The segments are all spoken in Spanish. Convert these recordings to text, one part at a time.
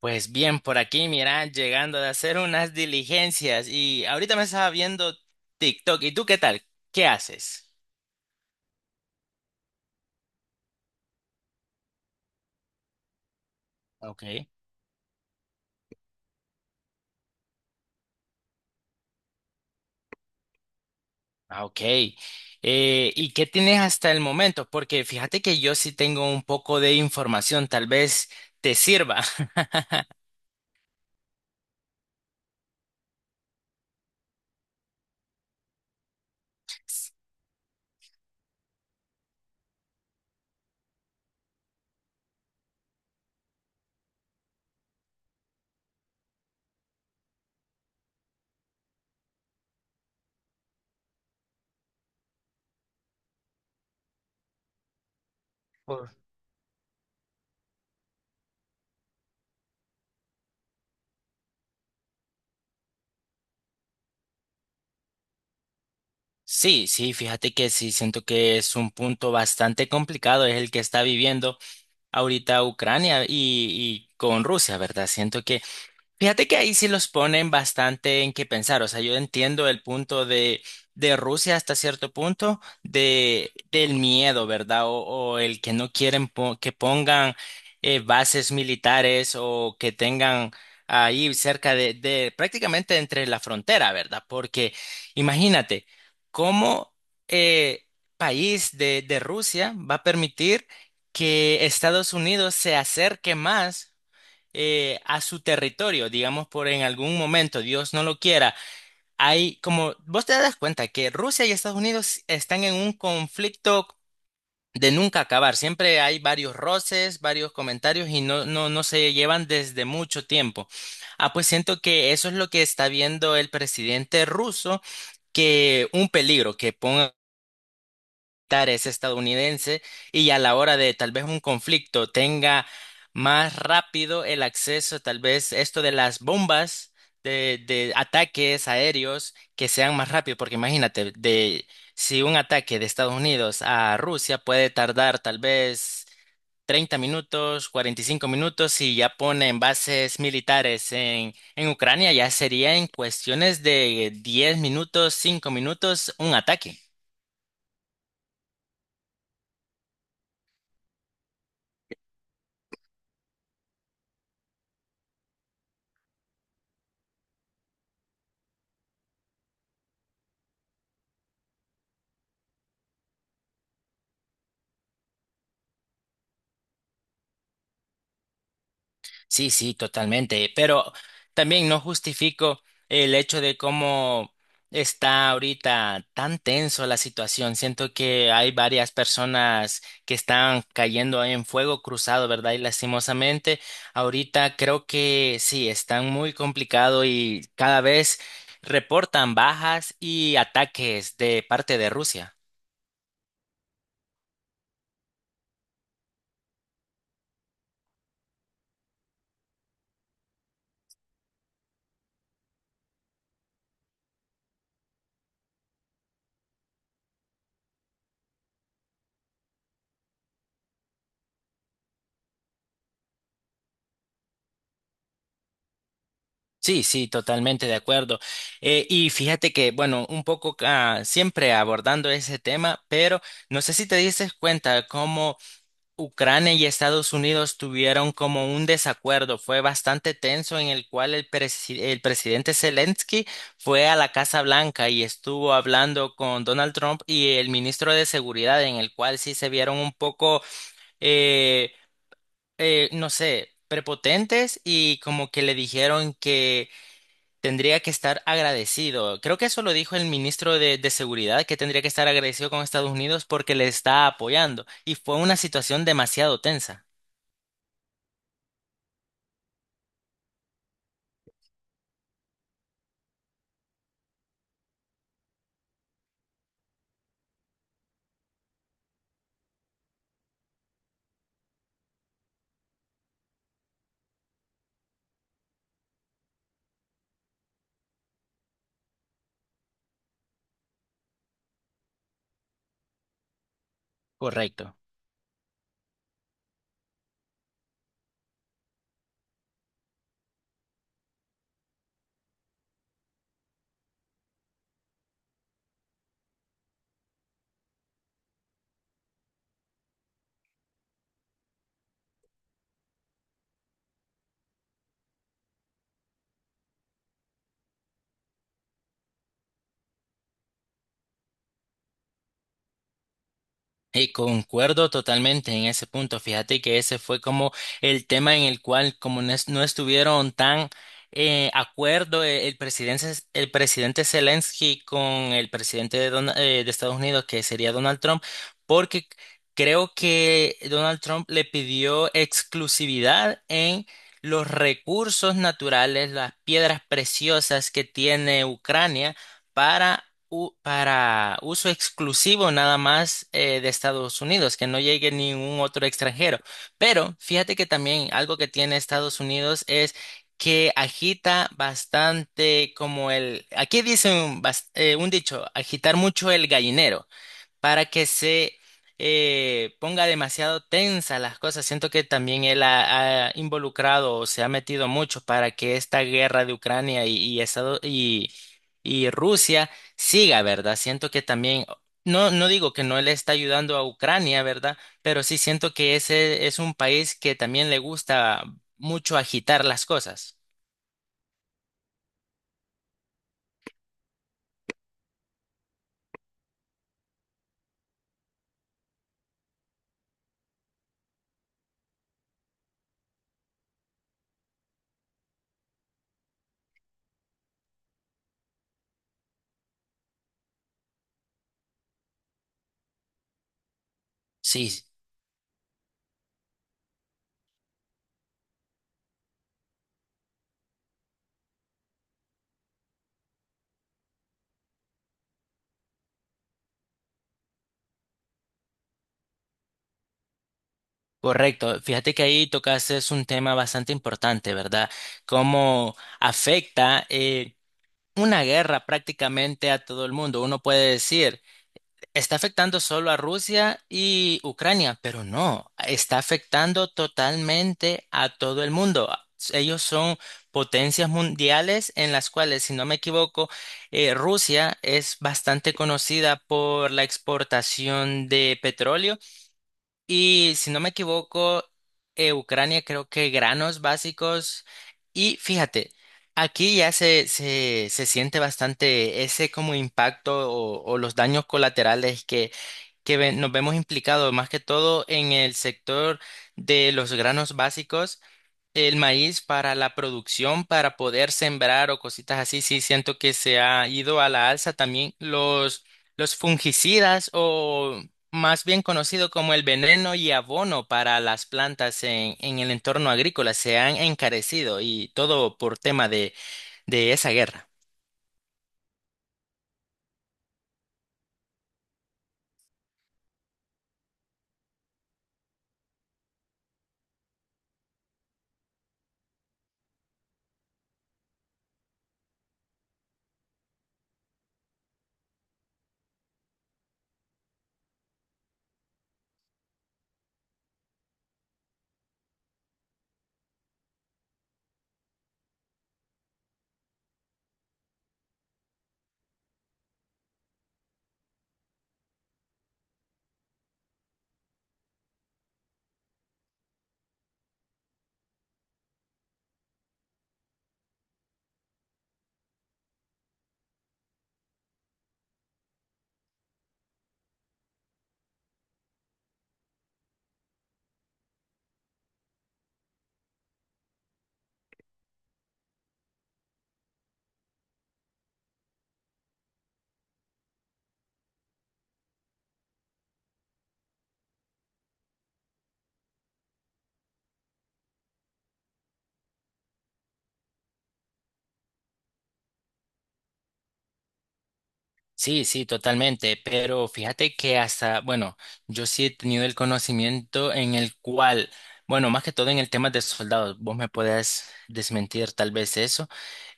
Pues bien, por aquí, mira, llegando de hacer unas diligencias y ahorita me estaba viendo TikTok. ¿Y tú qué tal? ¿Qué haces? Ok. Ah, ok. ¿Y qué tienes hasta el momento? Porque fíjate que yo sí tengo un poco de información, tal vez te sirva. Por- Sí, sí, fíjate que sí, siento que es un punto bastante complicado, es el que está viviendo ahorita Ucrania y con Rusia, ¿verdad? Siento Fíjate que ahí sí los ponen bastante en qué pensar. O sea, yo entiendo el punto de Rusia hasta cierto punto del miedo, ¿verdad? O el que no quieren que pongan bases militares o que tengan ahí cerca de prácticamente entre la frontera, ¿verdad? Porque imagínate, ¿cómo eh, país de Rusia va a permitir que Estados Unidos se acerque más a su territorio? Digamos, por en algún momento, Dios no lo quiera, hay como, vos te das cuenta que Rusia y Estados Unidos están en un conflicto de nunca acabar. Siempre hay varios roces, varios comentarios y no, no, no se llevan desde mucho tiempo. Ah, pues siento que eso es lo que está viendo el presidente ruso, que un peligro, que ponga militares estadounidense y a la hora de tal vez un conflicto tenga más rápido el acceso, tal vez esto de las bombas de ataques aéreos que sean más rápido, porque imagínate, si un ataque de Estados Unidos a Rusia puede tardar tal vez 30 minutos, 45 minutos y ya ponen bases militares en Ucrania, ya sería en cuestiones de 10 minutos, 5 minutos un ataque. Sí, sí, totalmente. Pero también no justifico el hecho de cómo está ahorita tan tenso la situación. Siento que hay varias personas que están cayendo en fuego cruzado, ¿verdad? Y lastimosamente, ahorita creo que sí, están muy complicado y cada vez reportan bajas y ataques de parte de Rusia. Sí, sí, totalmente de acuerdo. Y fíjate que, bueno, un poco siempre abordando ese tema, pero no sé si te diste cuenta cómo Ucrania y Estados Unidos tuvieron como un desacuerdo. Fue bastante tenso en el cual el presidente Zelensky fue a la Casa Blanca y estuvo hablando con Donald Trump y el ministro de Seguridad, en el cual sí se vieron un poco, eh, no sé, prepotentes y como que le dijeron que tendría que estar agradecido. Creo que eso lo dijo el ministro de Seguridad, que tendría que estar agradecido con Estados Unidos porque le está apoyando. Y fue una situación demasiado tensa. Correcto. Y concuerdo totalmente en ese punto. Fíjate que ese fue como el tema en el cual como no, no estuvieron tan acuerdo, el presidente Zelensky con el presidente de Estados Unidos, que sería Donald Trump, porque creo que Donald Trump le pidió exclusividad en los recursos naturales, las piedras preciosas que tiene Ucrania, para uso exclusivo nada más, de Estados Unidos, que no llegue ningún otro extranjero. Pero fíjate que también algo que tiene Estados Unidos es que agita bastante como aquí dicen un dicho, agitar mucho el gallinero para que se ponga demasiado tensa las cosas. Siento que también él ha involucrado o se ha metido mucho para que esta guerra de Ucrania y Rusia siga, ¿verdad? Siento que también, no, no digo que no le está ayudando a Ucrania, ¿verdad? Pero sí siento que ese es un país que también le gusta mucho agitar las cosas. Sí. Correcto, fíjate que ahí tocas es un tema bastante importante, ¿verdad? Cómo afecta una guerra prácticamente a todo el mundo. Uno puede decir, está afectando solo a Rusia y Ucrania, pero no, está afectando totalmente a todo el mundo. Ellos son potencias mundiales en las cuales, si no me equivoco, Rusia es bastante conocida por la exportación de petróleo y, si no me equivoco, Ucrania creo que granos básicos. Y fíjate, aquí ya se siente bastante ese como impacto o los daños colaterales que, nos vemos implicados, más que todo en el sector de los granos básicos. El maíz para la producción, para poder sembrar o cositas así, sí siento que se ha ido a la alza también los fungicidas o más bien conocido como el veneno y abono para las plantas en el entorno agrícola se han encarecido y todo por tema de esa guerra. Sí, sí, totalmente, pero fíjate que hasta, bueno, yo sí he tenido el conocimiento en el cual, bueno, más que todo en el tema de soldados, vos me podés desmentir tal vez eso,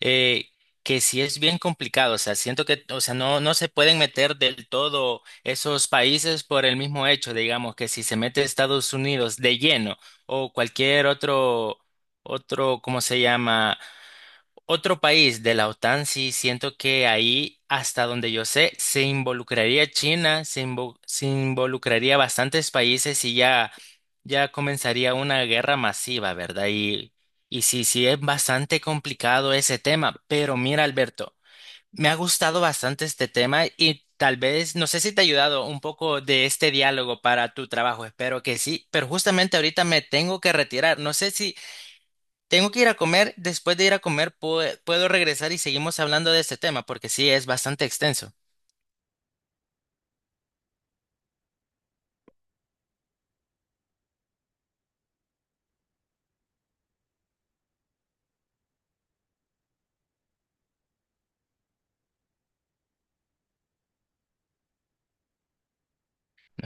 eh, que sí es bien complicado. O sea, siento que, o sea, no, no se pueden meter del todo esos países por el mismo hecho, digamos, que si se mete Estados Unidos de lleno o cualquier otro, ¿cómo se llama? Otro país de la OTAN. Sí, siento que ahí, hasta donde yo sé, se involucraría China, se involucraría bastantes países y ya comenzaría una guerra masiva, ¿verdad? Y sí, sí, es bastante complicado ese tema, pero mira, Alberto, me ha gustado bastante este tema y tal vez, no sé si te ha ayudado un poco de este diálogo para tu trabajo, espero que sí, pero justamente ahorita me tengo que retirar, no sé si. Tengo que ir a comer. Después de ir a comer, puedo regresar y seguimos hablando de este tema porque sí es bastante extenso.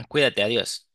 Cuídate, adiós.